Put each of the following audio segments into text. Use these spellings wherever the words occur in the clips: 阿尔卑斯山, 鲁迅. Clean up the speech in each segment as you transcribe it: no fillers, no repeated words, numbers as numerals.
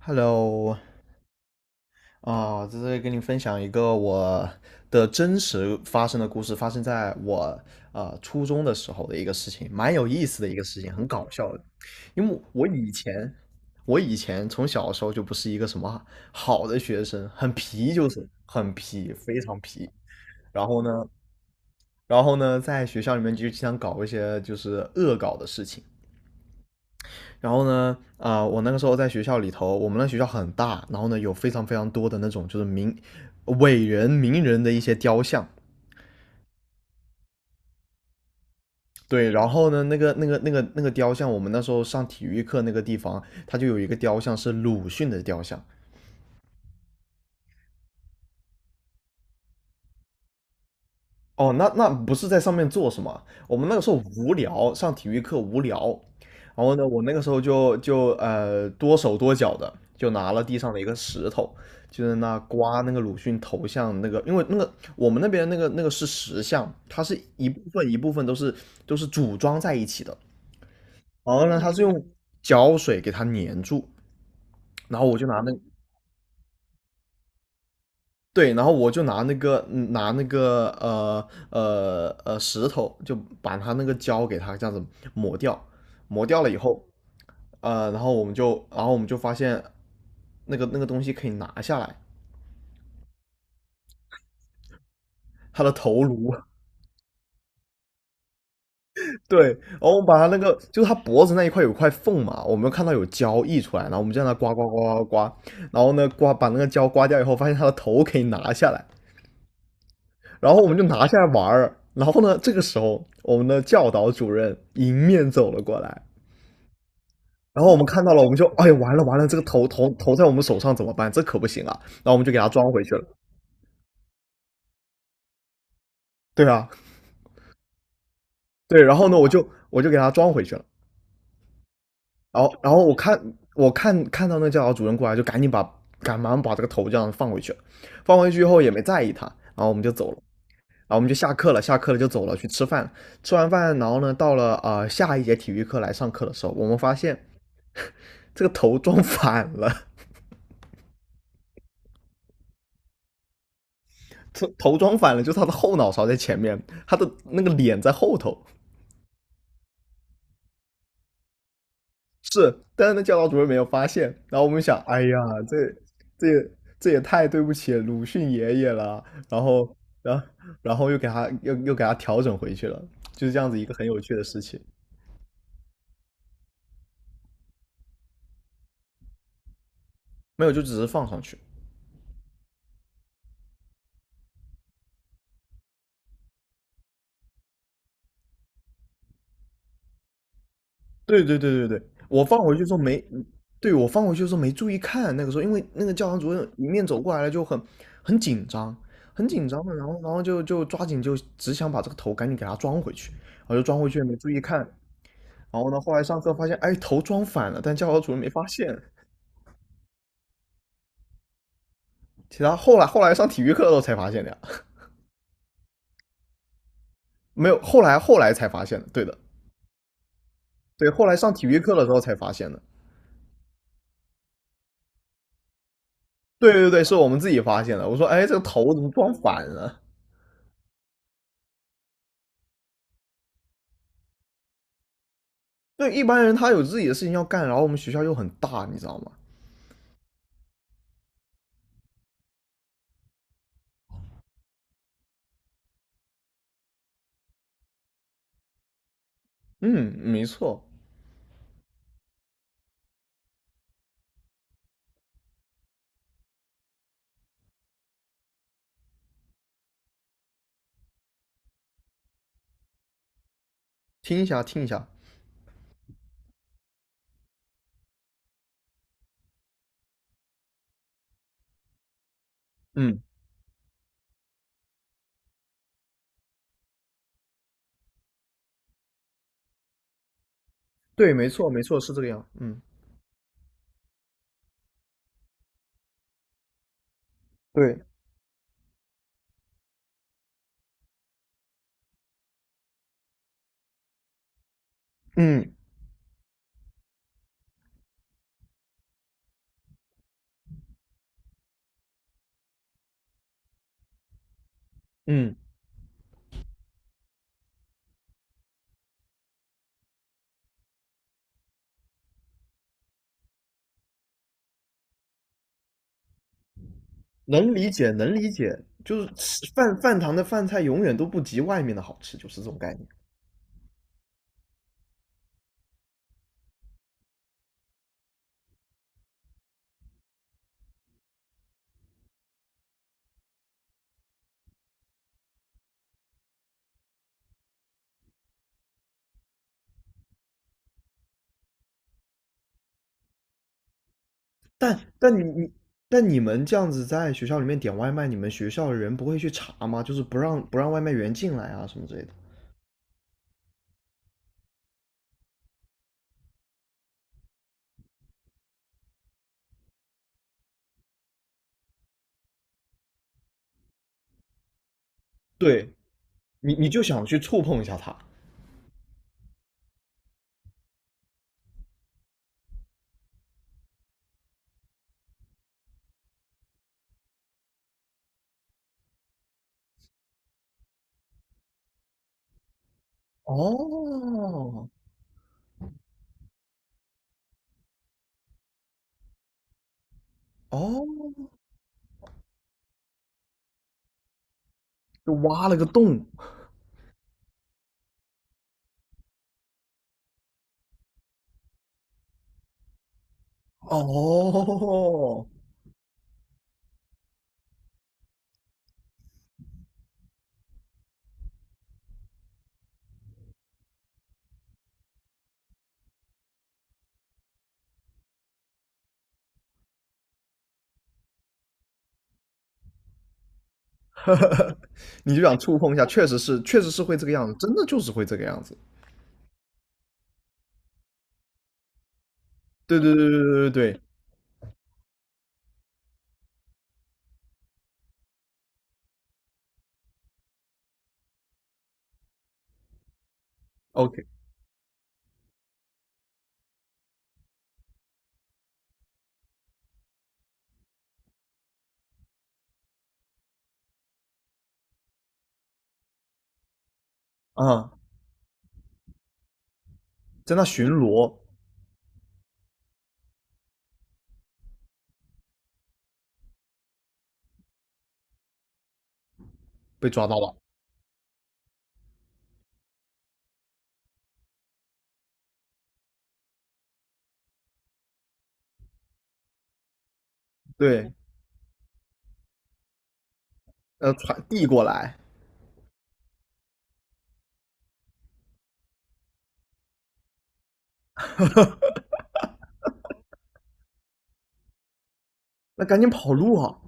Hello，啊，在这里跟你分享一个我的真实发生的故事，发生在我初中的时候的一个事情，蛮有意思的一个事情，很搞笑的。因为我以前，我以前从小的时候就不是一个什么好的学生，很皮，就是很皮，非常皮。然后呢，然后呢，在学校里面就经常搞一些就是恶搞的事情。然后呢，我那个时候在学校里头，我们那学校很大，然后呢有非常非常多的那种就是名伟人、名人的一些雕像。对，然后呢，那个雕像，我们那时候上体育课那个地方，它就有一个雕像是鲁迅的雕像。哦，那那不是在上面做什么？我们那个时候无聊，上体育课无聊，然后呢，我那个时候就多手多脚的，就拿了地上的一个石头，就在那刮那个鲁迅头像那个，因为那个我们那边那个是石像，它是一部分一部分都是组装在一起的，然后呢，它是用胶水给它粘住，然后我就拿那对，然后我就拿那个拿那个石头，就把它那个胶给它这样子磨掉，磨掉了以后，然后我们就发现那个东西可以拿下来，它的头颅。对，然后我们把它那个就是它脖子那一块有块缝嘛，我们看到有胶溢出来，然后我们就让它刮刮刮刮刮，然后呢刮把那个胶刮掉以后，发现它的头可以拿下来，然后我们就拿下来玩。然后呢，这个时候我们的教导主任迎面走了过来，然后我们看到了，我们就哎呀完了完了，这个头在我们手上怎么办？这可不行啊！然后我们就给他装回去了。对啊，对，然后呢，我就给他装回去了。然后我看看到那教导主任过来，就赶忙把这个头这样放回去了。放回去以后也没在意他，然后我们就走了。然后我们就下课了，下课了就走了去吃饭。吃完饭，然后呢，到了下一节体育课来上课的时候，我们发现这个头装反了。头装反了，就是他的后脑勺在前面，他的那个脸在后头。是，但是那教导主任没有发现。然后我们想，哎呀，这这也这也太对不起鲁迅爷爷了。然后，然后然后又给他调整回去了，就是这样子一个很有趣的事情。没有，就只是放上去。对对对对对，我放回去时候没，对我放回去的时候没注意看，那个时候因为那个教堂主任迎面走过来了，就很紧张，很紧张的，然后就抓紧就只想把这个头赶紧给它装回去，然后就装回去没注意看，然后呢后来上课发现哎头装反了，但教导主任没发现。其他后来上体育课的时候才发现的呀，没有后来才发现的，对的。对后来上体育课的时候才发现的。对对对，是我们自己发现的，我说哎这个头怎么装反了？对一般人他有自己的事情要干，然后我们学校又很大，你知道吗？嗯，没错。听一下听一下。嗯，对，没错没错，是这个样。嗯，对。嗯嗯，能理解能理解，就是吃饭饭堂的饭菜永远都不及外面的好吃，就是这种概念。但但你们这样子在学校里面点外卖，你们学校的人不会去查吗？就是不让外卖员进来啊什么之类的。对，你你就想去触碰一下他。哦哦就挖了个洞。哦，你就想触碰一下，确实是，确实是会这个样子，真的就是会这个样子。对对对对对对对，OK。 啊，在那巡逻被抓到了。对，传递过来。那赶紧跑路啊。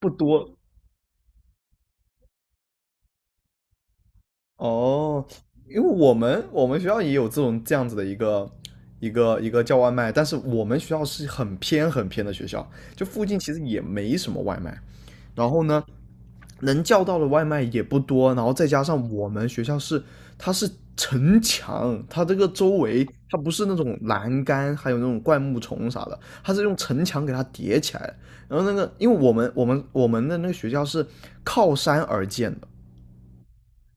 不多。哦，因为我们学校也有这种这样子的一个一个叫外卖，但是我们学校是很偏很偏的学校，就附近其实也没什么外卖，然后呢，能叫到的外卖也不多，然后再加上我们学校是它是城墙，它这个周围它不是那种栏杆，还有那种灌木丛啥的，它是用城墙给它叠起来的，然后那个因为我们的那个学校是靠山而建的。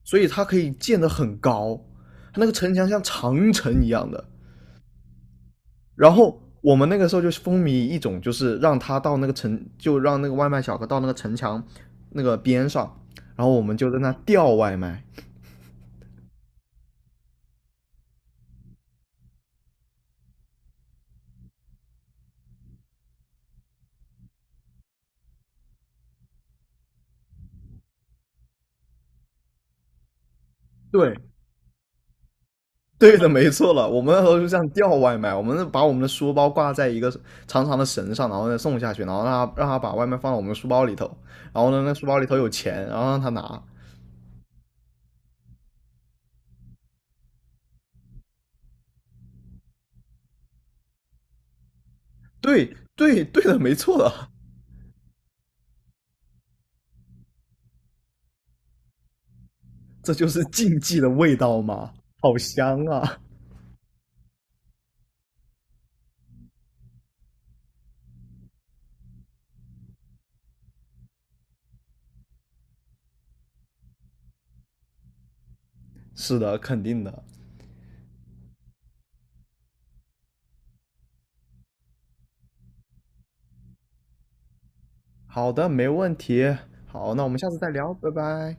所以它可以建得很高，它那个城墙像长城一样的。然后我们那个时候就风靡一种，就是让他到那个城，就让那个外卖小哥到那个城墙那个边上，然后我们就在那吊外卖。对，对的，没错了。我们那时候就这样吊外卖，我们是把我们的书包挂在一个长长的绳上，然后再送下去，然后让他把外卖放到我们的书包里头，然后呢那书包里头有钱，然后让他拿。对对对的，没错的。这就是竞技的味道吗？好香啊！是的，肯定的。好的，没问题。好，那我们下次再聊，拜拜。